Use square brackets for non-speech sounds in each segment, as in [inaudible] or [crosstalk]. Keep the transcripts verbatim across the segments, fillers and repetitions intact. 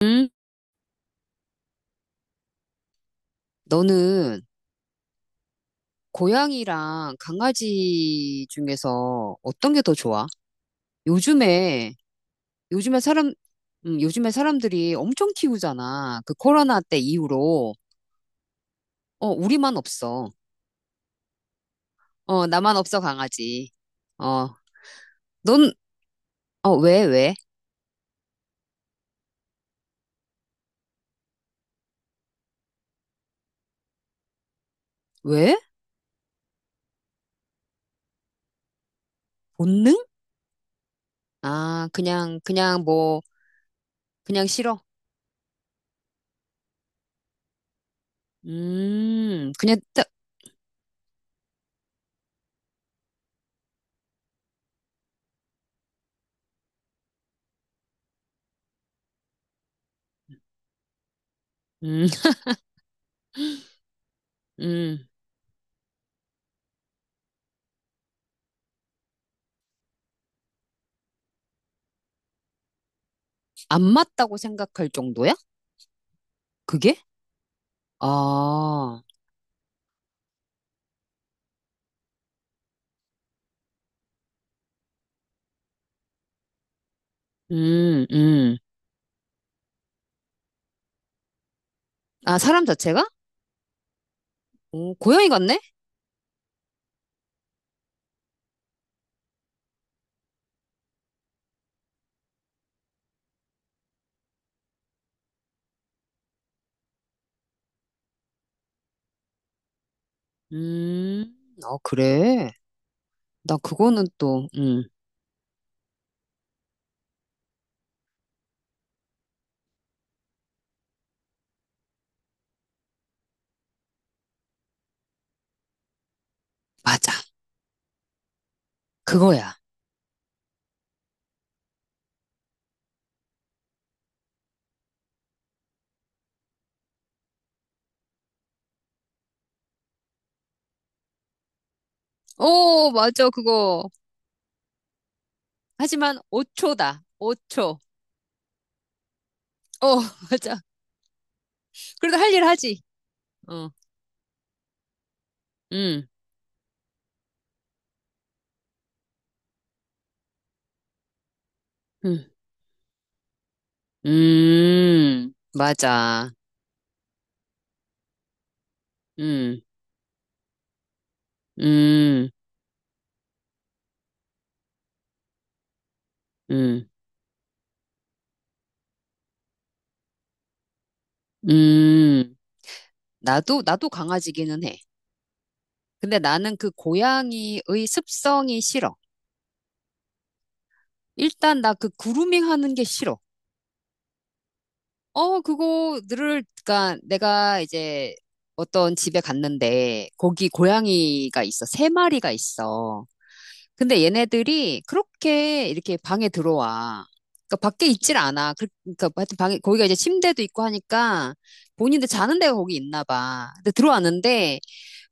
응? 너는 고양이랑 강아지 중에서 어떤 게 더 좋아? 요즘에, 요즘에 사람, 음, 요즘에 사람들이 엄청 키우잖아. 그 코로나 때 이후로. 어, 우리만 없어. 어, 나만 없어, 강아지. 어, 넌, 어, 왜, 왜? 왜? 본능? 아, 그냥, 그냥 뭐, 그냥 싫어. 음, 그냥 딱, 음, 음, 안 맞다고 생각할 정도야? 그게? 아, 음, 음. 아, 사람 자체가? 오, 고양이 같네? 음, 아, 그래. 나 그거는 또, 음, 맞아. 그거야. 오, 맞아, 그거. 하지만 오 초다. 오 초. 어, [laughs] 맞아. 그래도 할 일 하지. 어, 음, 음, 음, 맞아. 음, 음, 음, 음. 나도, 나도 강아지기는 해. 근데 나는 그 고양이의 습성이 싫어. 일단 나 그 그루밍 하는 게 싫어. 어, 그거 늘, 그니까 내가 이제 어떤 집에 갔는데 거기 고양이가 있어. 세 마리가 있어. 근데 얘네들이 그렇게 이렇게 방에 들어와. 그니까 밖에 있질 않아. 그- 그러니까 하여튼 방에, 거기가 이제 침대도 있고 하니까 본인들 자는 데가 거기 있나 봐. 근데 들어왔는데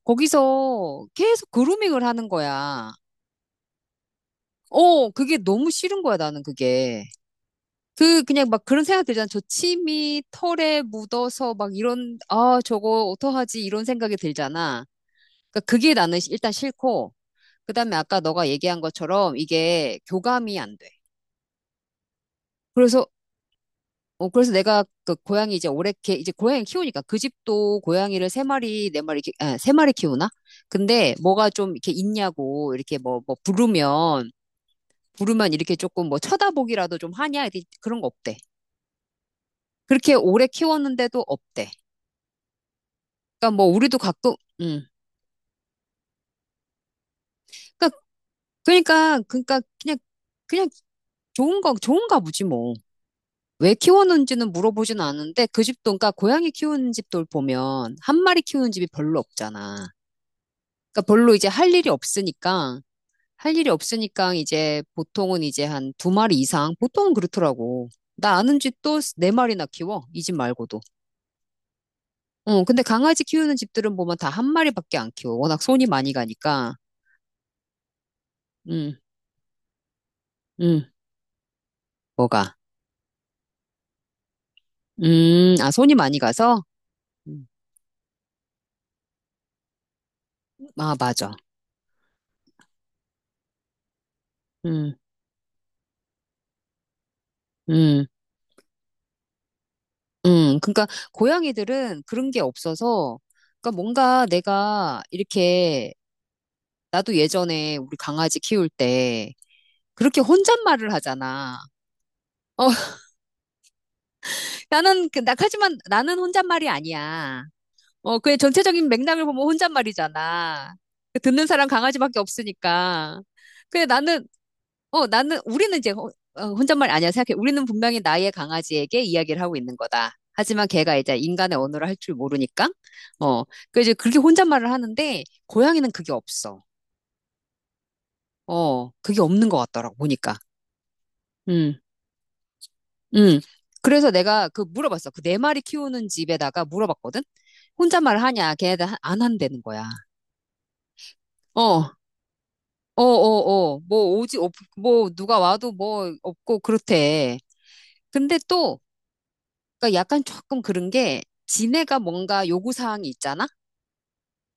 거기서 계속 그루밍을 하는 거야. 어, 그게 너무 싫은 거야, 나는 그게. 그 그냥 막 그런 생각 들잖아. 저 침이 털에 묻어서 막 이런 아 저거 어떡하지 이런 생각이 들잖아. 그러니까 그게 나는 일단 싫고 그다음에 아까 너가 얘기한 것처럼 이게 교감이 안 돼. 그래서 어 그래서 내가 그 고양이 이제 오래 개 이제 고양이 키우니까 그 집도 고양이를 세 마리 네 마리 이렇게 아, 세 마리 키우나? 근데 뭐가 좀 이렇게 있냐고 이렇게 뭐 뭐 부르면 부르면 이렇게 조금 뭐 쳐다보기라도 좀 하냐 이렇게 그런 거 없대. 그렇게 오래 키웠는데도 없대. 그러니까 뭐 우리도 가끔 음. 그러니까 그러니까 그러니까 그냥 그냥 좋은 거 좋은가 보지 뭐. 왜 키워놓는지는 물어보진 않은데 그 집도 그러니까 고양이 키우는 집들 보면 한 마리 키우는 집이 별로 없잖아. 그러니까 별로 이제 할 일이 없으니까 할 일이 없으니까 이제 보통은 이제 한 두 마리 이상 보통은 그렇더라고. 나 아는 집도 네 마리나 키워 이 집 말고도. 어 근데 강아지 키우는 집들은 보면 다 한 마리밖에 안 키워. 워낙 손이 많이 가니까. 음 음 뭐가. 음, 아, 손이 많이 가서? 음, 아, 맞아. 음, 음, 음. 그러니까 고양이들은 그런 게 없어서, 그러니까 뭔가 내가 이렇게, 나도 예전에 우리 강아지 키울 때, 그렇게 혼잣말을 하잖아. 어, [laughs] 나는, 그- 나, 하지만 나는 혼잣말이 아니야. 어, 그의 전체적인 맥락을 보면 혼잣말이잖아. 그 듣는 사람 강아지밖에 없으니까. 근데 나는, 어, 나는, 우리는 이제 호- 어, 혼잣말 아니야 생각해. 우리는 분명히 나의 강아지에게 이야기를 하고 있는 거다. 하지만 걔가 이제 인간의 언어를 할 줄 모르니까, 어, 그 이제 그렇게 혼잣말을 하는데, 고양이는 그게 없어. 어, 그게 없는 것 같더라고, 보니까. 음, 음. 그래서 내가 그 물어봤어. 그 네 마리 키우는 집에다가 물어봤거든? 혼잣말 하냐? 걔네들 하- 안 한다는 거야. 어. 어, 어, 어. 뭐 오지, 없, 뭐 누가 와도 뭐 없고 그렇대. 근데 또, 그러니까 약간 조금 그런 게 지네가 뭔가 요구사항이 있잖아?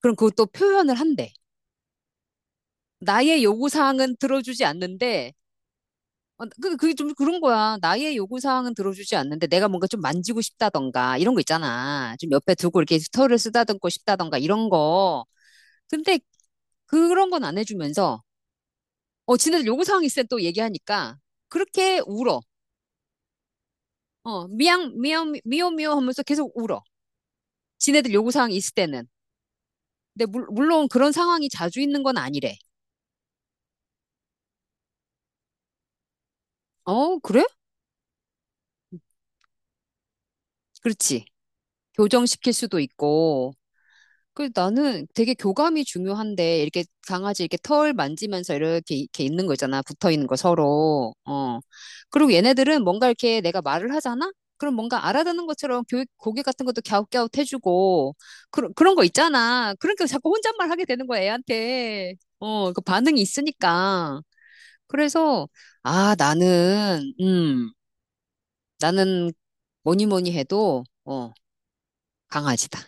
그럼 그것도 표현을 한대. 나의 요구사항은 들어주지 않는데, 어, 그, 그게 좀 그런 거야. 나의 요구사항은 들어주지 않는데 내가 뭔가 좀 만지고 싶다던가 이런 거 있잖아. 좀 옆에 두고 이렇게 털을 쓰다듬고 싶다던가 이런 거. 근데 그런 건 안 해주면서, 어, 지네들 요구사항 있으면 또 얘기하니까 그렇게 울어. 어, 미양, 미양, 미오, 미오 하면서 계속 울어. 지네들 요구사항 있을 때는. 근데 물, 물론 그런 상황이 자주 있는 건 아니래. 어, 그래? 그렇지. 교정시킬 수도 있고, 그 나는 되게 교감이 중요한데 이렇게 강아지 이렇게 털 만지면서 이렇게 이렇게 있는 거 있잖아 붙어 있는 거 서로 어 그리고 얘네들은 뭔가 이렇게 내가 말을 하잖아 그럼 뭔가 알아듣는 것처럼 교육 고개 같은 것도 갸웃갸웃 해주고 그런 그런 거 있잖아 그러니까 자꾸 혼잣말 하게 되는 거야 애한테 어그 반응이 있으니까 그래서 아 나는 음 나는 뭐니 뭐니 해도 어 강아지다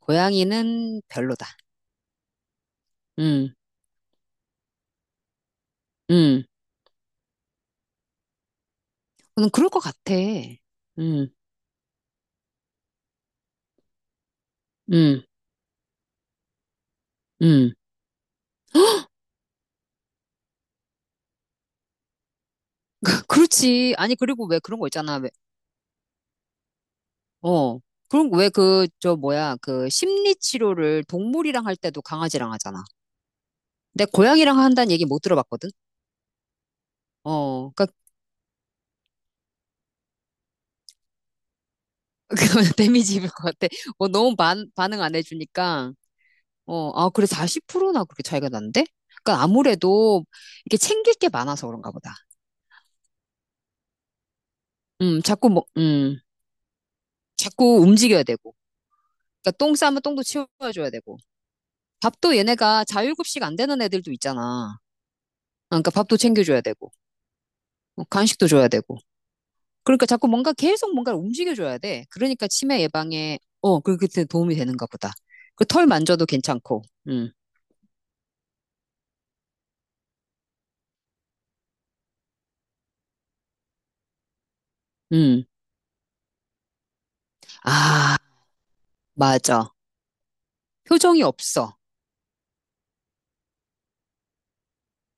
고양이는 별로다 음 음. 저는 그럴 것 같아. 음, 음, 음. 그렇지. 아니, 그리고 왜 그런 거 있잖아. 왜, 어. 그런, 왜 그, 저, 뭐야, 그, 심리 치료를 동물이랑 할 때도 강아지랑 하잖아. 근데 고양이랑 한다는 얘기 못 들어봤거든? 어. 그니까, [laughs] 데미지 입을 것 같아. 어, 너무 반, 반응 안 해주니까. 어, 아, 그래, 사십 퍼센트나 그렇게 차이가 난대? 그니까 아무래도 이게 챙길 게 많아서 그런가 보다. 음, 자꾸 뭐, 음. 자꾸 움직여야 되고. 그니까 똥 싸면 똥도 치워줘야 되고. 밥도 얘네가 자율급식 안 되는 애들도 있잖아. 그러니까 밥도 챙겨줘야 되고, 어, 간식도 줘야 되고. 그러니까 자꾸 뭔가 계속 뭔가를 움직여줘야 돼. 그러니까 치매 예방에, 어, 그렇게 되- 도움이 되는가 보다. 그 털 만져도 괜찮고, 음, 음. 아, 맞아. 표정이 없어.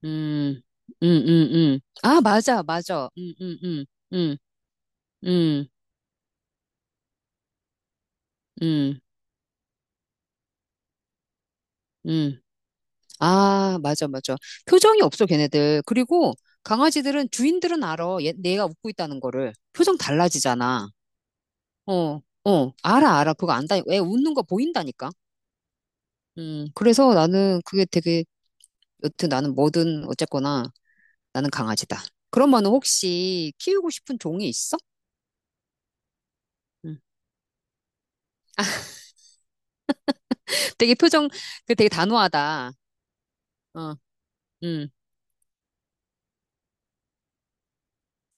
음, 음, 음, 음. 아, 맞아, 맞아. 음, 음, 음, 음, 음, 음, 음. 아, 맞아, 맞아. 표정이 없어, 걔네들. 그리고 강아지들은 주인들은 알아. 얘, 내가 웃고 있다는 거를. 표정 달라지잖아. 어, 어. 알아, 알아. 그거 안다. 애 웃는 거 보인다니까. 음, 그래서 나는 그게 되게, 여튼 나는 뭐든 어쨌거나 나는 강아지다. 그러면 혹시 키우고 싶은 종이 있어? 음. 되게 표정, 그 되게 단호하다. 어, 음.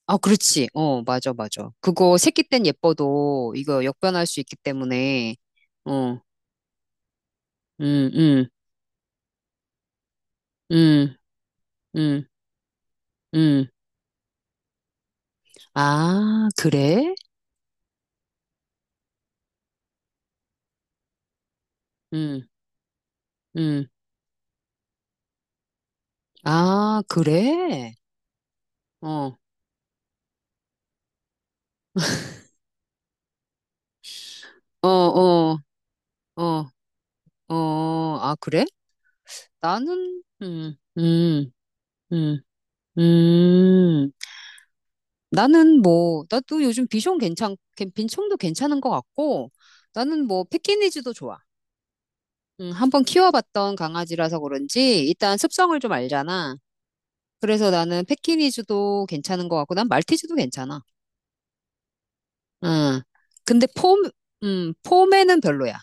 아, 그렇지. 어, 맞아, 맞아. 그거 새끼 땐 예뻐도 이거 역변할 수 있기 때문에, 어, 음, 음. 음, 음, 음. 아, 그래? 음, 음. 아, 그래? 어, 어, 어, 어, 어. 아, 그래? 나는, 음, 음, 음, 음. 나는 뭐, 나도 요즘 비숑 괜찮, 괜- 빈총도 괜찮은 것 같고, 나는 뭐, 패키니즈도 좋아. 음, 한번 키워봤던 강아지라서 그런지, 일단 습성을 좀 알잖아. 그래서 나는 패키니즈도 괜찮은 것 같고, 난 말티즈도 괜찮아. 응. 근데 폼, 음, 폼에는 별로야.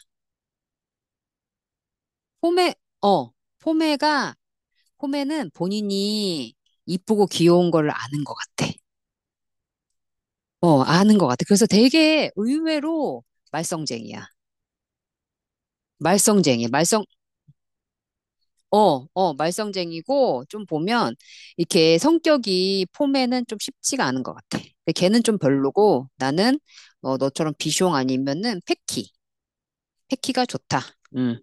폼에, 어, 폼에가, 폼에는 본인이 이쁘고 귀여운 걸 아는 것 같아. 어, 아는 것 같아. 그래서 되게 의외로 말썽쟁이야. 말썽쟁이, 말썽, 어, 어, 말썽쟁이고, 좀 보면, 이렇게 성격이 폼에는 좀 쉽지가 않은 것 같아. 근데 걔는 좀 별로고, 나는, 어, 너처럼 비숑 아니면은 패키, 패키가 좋다. 음.